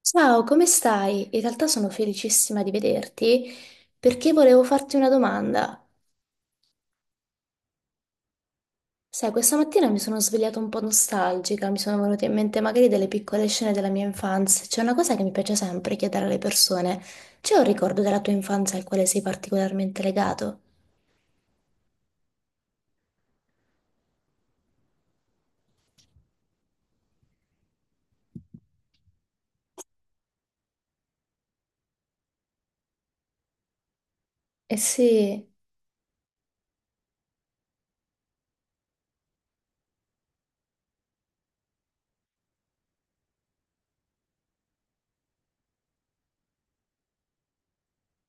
Ciao, come stai? In realtà sono felicissima di vederti perché volevo farti una domanda. Sai, questa mattina mi sono svegliata un po' nostalgica, mi sono venute in mente magari delle piccole scene della mia infanzia. C'è una cosa che mi piace sempre chiedere alle persone. C'è un ricordo della tua infanzia al quale sei particolarmente legato? Eh sì,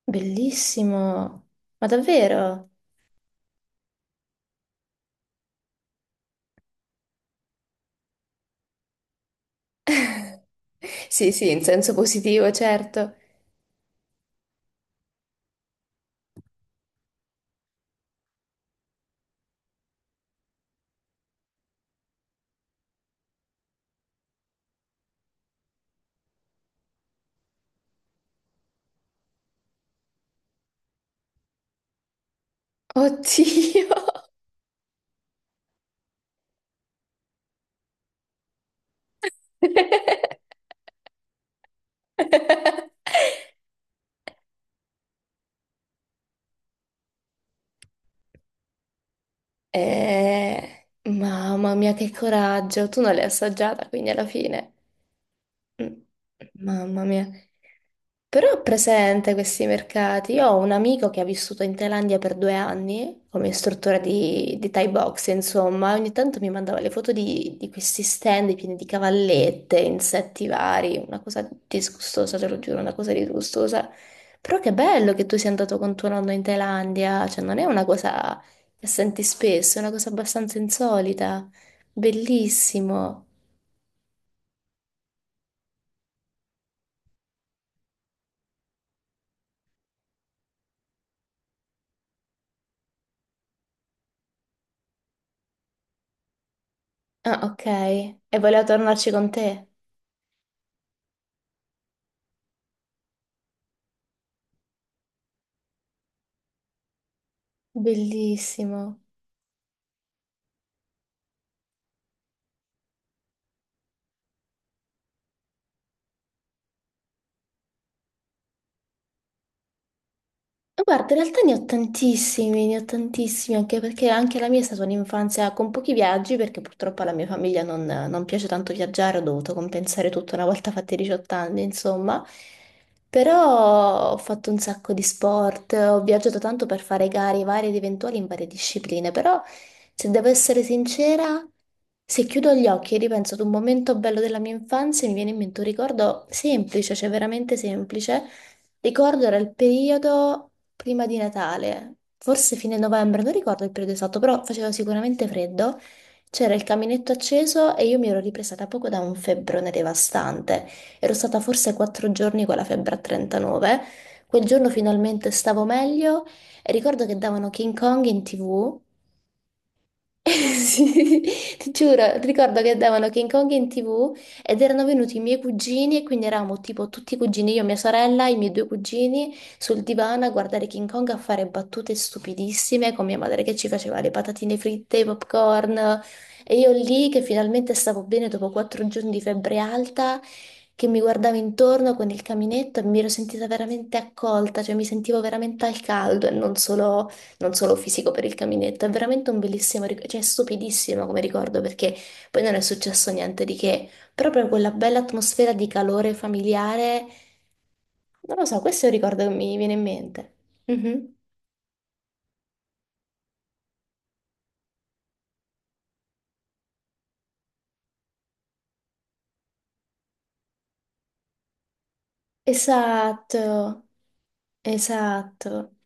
bellissimo. Ma davvero? Sì, sì, in senso positivo, certo. Oddio. Mamma mia, che coraggio! Tu non l'hai assaggiata, quindi alla fine. Mm. Mamma mia. Però ho presente questi mercati. Io ho un amico che ha vissuto in Thailandia per 2 anni come istruttore di, Thai box, insomma, ogni tanto mi mandava le foto di, questi stand pieni di cavallette, insetti vari, una cosa disgustosa, te lo giuro, una cosa disgustosa. Però che bello che tu sia andato con tuo nonno in Thailandia, cioè non è una cosa che senti spesso, è una cosa abbastanza insolita. Bellissimo. Ah, ok. E voleva tornarci con te. Bellissimo. Guarda, in realtà ne ho tantissimi, anche perché anche la mia è stata un'infanzia con pochi viaggi, perché purtroppo alla mia famiglia non, piace tanto viaggiare, ho dovuto compensare tutto una volta fatti i 18 anni, insomma. Però ho fatto un sacco di sport, ho viaggiato tanto per fare gare varie ed eventuali in varie discipline, però se devo essere sincera, se chiudo gli occhi e ripenso ad un momento bello della mia infanzia, mi viene in mente un ricordo semplice, cioè veramente semplice. Ricordo era il periodo prima di Natale, forse fine novembre, non ricordo il periodo esatto, però faceva sicuramente freddo. C'era il caminetto acceso e io mi ero ripresa da poco da un febbrone devastante. Ero stata forse 4 giorni con la febbre a 39. Quel giorno finalmente stavo meglio e ricordo che davano King Kong in TV. Sì, ti giuro, ti ricordo che davano King Kong in TV ed erano venuti i miei cugini e quindi eravamo tipo tutti i cugini, io, mia sorella, i miei due cugini sul divano a guardare King Kong a fare battute stupidissime con mia madre che ci faceva le patatine fritte, i popcorn e io lì che finalmente stavo bene dopo 4 giorni di febbre alta che mi guardavo intorno con il caminetto e mi ero sentita veramente accolta, cioè mi sentivo veramente al caldo e non solo, non solo fisico per il caminetto. È veramente un bellissimo, cioè è stupidissimo come ricordo perché poi non è successo niente di che, però proprio quella bella atmosfera di calore familiare, non lo so, questo è un ricordo che mi viene in mente. Mhm. Esatto, esatto.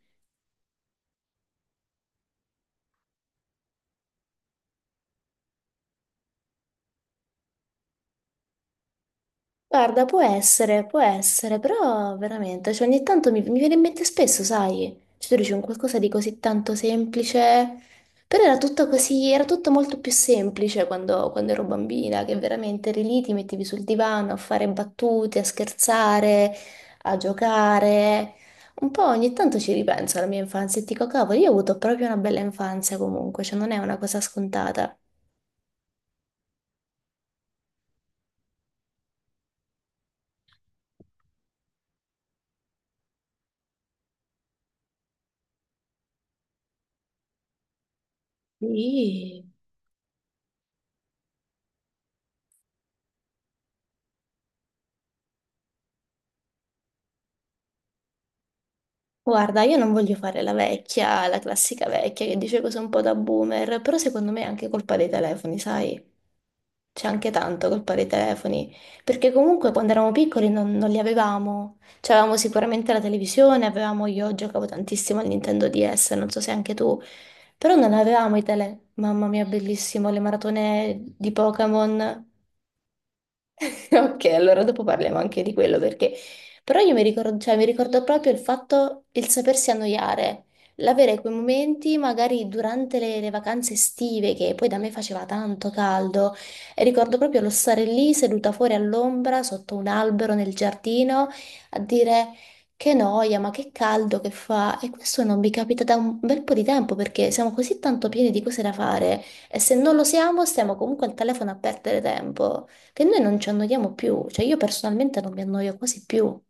Guarda, può essere, però veramente, cioè ogni tanto mi viene in mente spesso, sai? Cioè tu dici un qualcosa di così tanto semplice, però era tutto così, era tutto molto più semplice quando ero bambina, che veramente eri lì, ti mettevi sul divano a fare battute, a scherzare, a giocare. Un po' ogni tanto ci ripenso alla mia infanzia e dico, cavolo, io ho avuto proprio una bella infanzia comunque, cioè non è una cosa scontata. Sì. Guarda, io non voglio fare la vecchia, la classica vecchia che dice cose un po' da boomer, però secondo me è anche colpa dei telefoni, sai? C'è anche tanto colpa dei telefoni, perché comunque quando eravamo piccoli non, li avevamo. C'avevamo sicuramente la televisione, avevamo, io giocavo tantissimo al Nintendo DS, non so se anche tu, però non avevamo i tele. Mamma mia, bellissimo, le maratone di Pokémon. Ok, allora dopo parliamo anche di quello perché... Però io mi ricordo, cioè, mi ricordo proprio il fatto, il sapersi annoiare, l'avere quei momenti magari durante le vacanze estive che poi da me faceva tanto caldo e ricordo proprio lo stare lì seduta fuori all'ombra sotto un albero nel giardino a dire che noia, ma che caldo che fa e questo non mi capita da un bel po' di tempo perché siamo così tanto pieni di cose da fare e se non lo siamo stiamo comunque al telefono a perdere tempo che noi non ci annoiamo più, cioè io personalmente non mi annoio quasi più.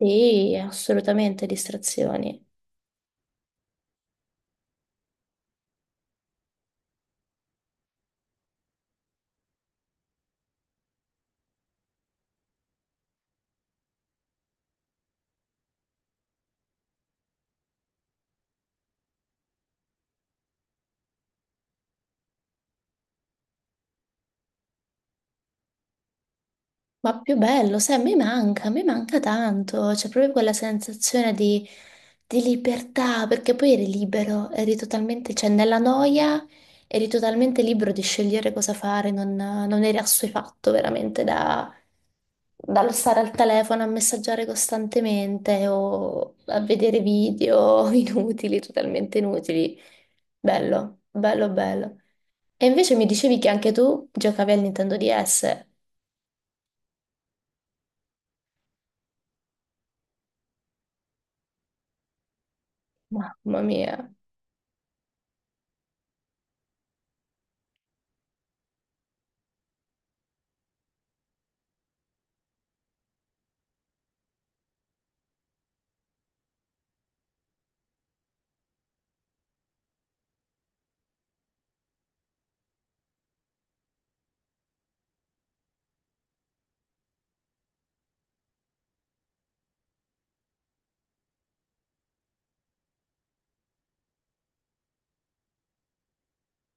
Sì, assolutamente distrazioni. Ma più bello, sai, a me manca tanto, c'è proprio quella sensazione di libertà, perché poi eri libero, eri totalmente, cioè nella noia eri totalmente libero di scegliere cosa fare, non, eri assuefatto veramente da, dallo stare al telefono a messaggiare costantemente o a vedere video inutili, totalmente inutili. Bello, bello, bello. E invece mi dicevi che anche tu giocavi al Nintendo DS. Mamma mia.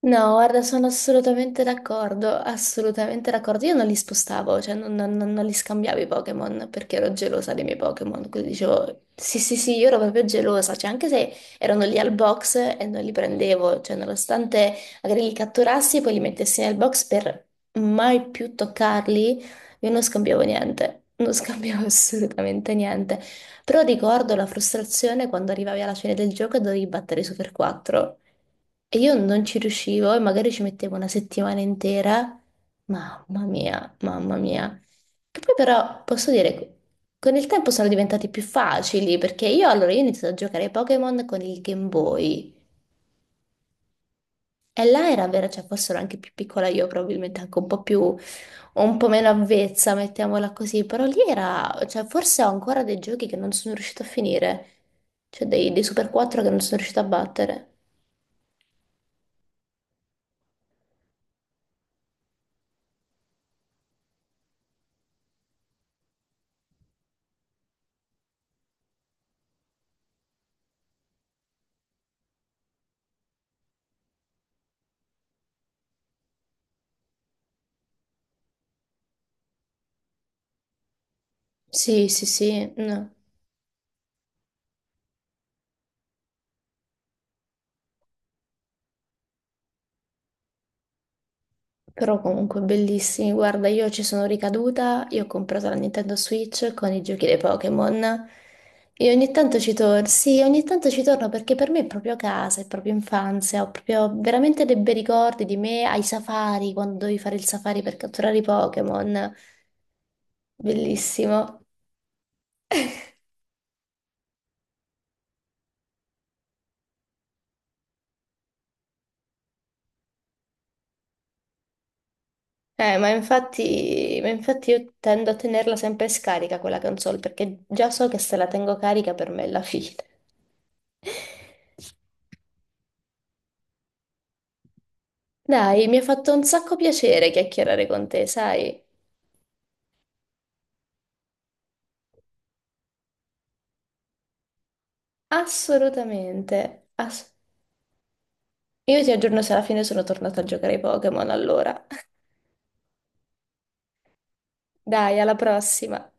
No, guarda, sono assolutamente d'accordo, assolutamente d'accordo. Io non li spostavo, cioè non, non li scambiavo i Pokémon perché ero gelosa dei miei Pokémon. Quindi dicevo, sì, sì, sì, io ero proprio gelosa, cioè anche se erano lì al box e non li prendevo, cioè nonostante magari li catturassi e poi li mettessi nel box per mai più toccarli, io non scambiavo niente, non scambiavo assolutamente niente. Però ricordo la frustrazione quando arrivavi alla fine del gioco e dovevi battere i Super 4. E io non ci riuscivo e magari ci mettevo una settimana intera. Mamma mia, mamma mia. Che poi però posso dire, con il tempo sono diventati più facili perché io allora io ho iniziato a giocare ai Pokémon con il Game Boy. E là era vera, cioè forse ero anche più piccola io, probabilmente anche un po' più, un po' meno avvezza, mettiamola così, però lì era, cioè forse ho ancora dei giochi che non sono riuscita a finire, cioè dei, Super 4 che non sono riuscita a battere. Sì, sì, sì, no. Però comunque bellissimi. Guarda, io ci sono ricaduta, io ho comprato la Nintendo Switch con i giochi dei Pokémon e ogni tanto ci torno. Sì, ogni tanto ci torno perché per me è proprio casa, è proprio infanzia, ho proprio veramente dei bei ricordi di me ai safari, quando dovevi fare il safari per catturare i Pokémon. Bellissimo. Ma infatti io tendo a tenerla sempre scarica quella console perché già so che se la tengo carica per me è la fine. Dai, mi ha fatto un sacco piacere chiacchierare con te, sai? Assolutamente. Io ti aggiorno se alla fine sono tornata a giocare ai Pokémon allora. Dai, alla prossima.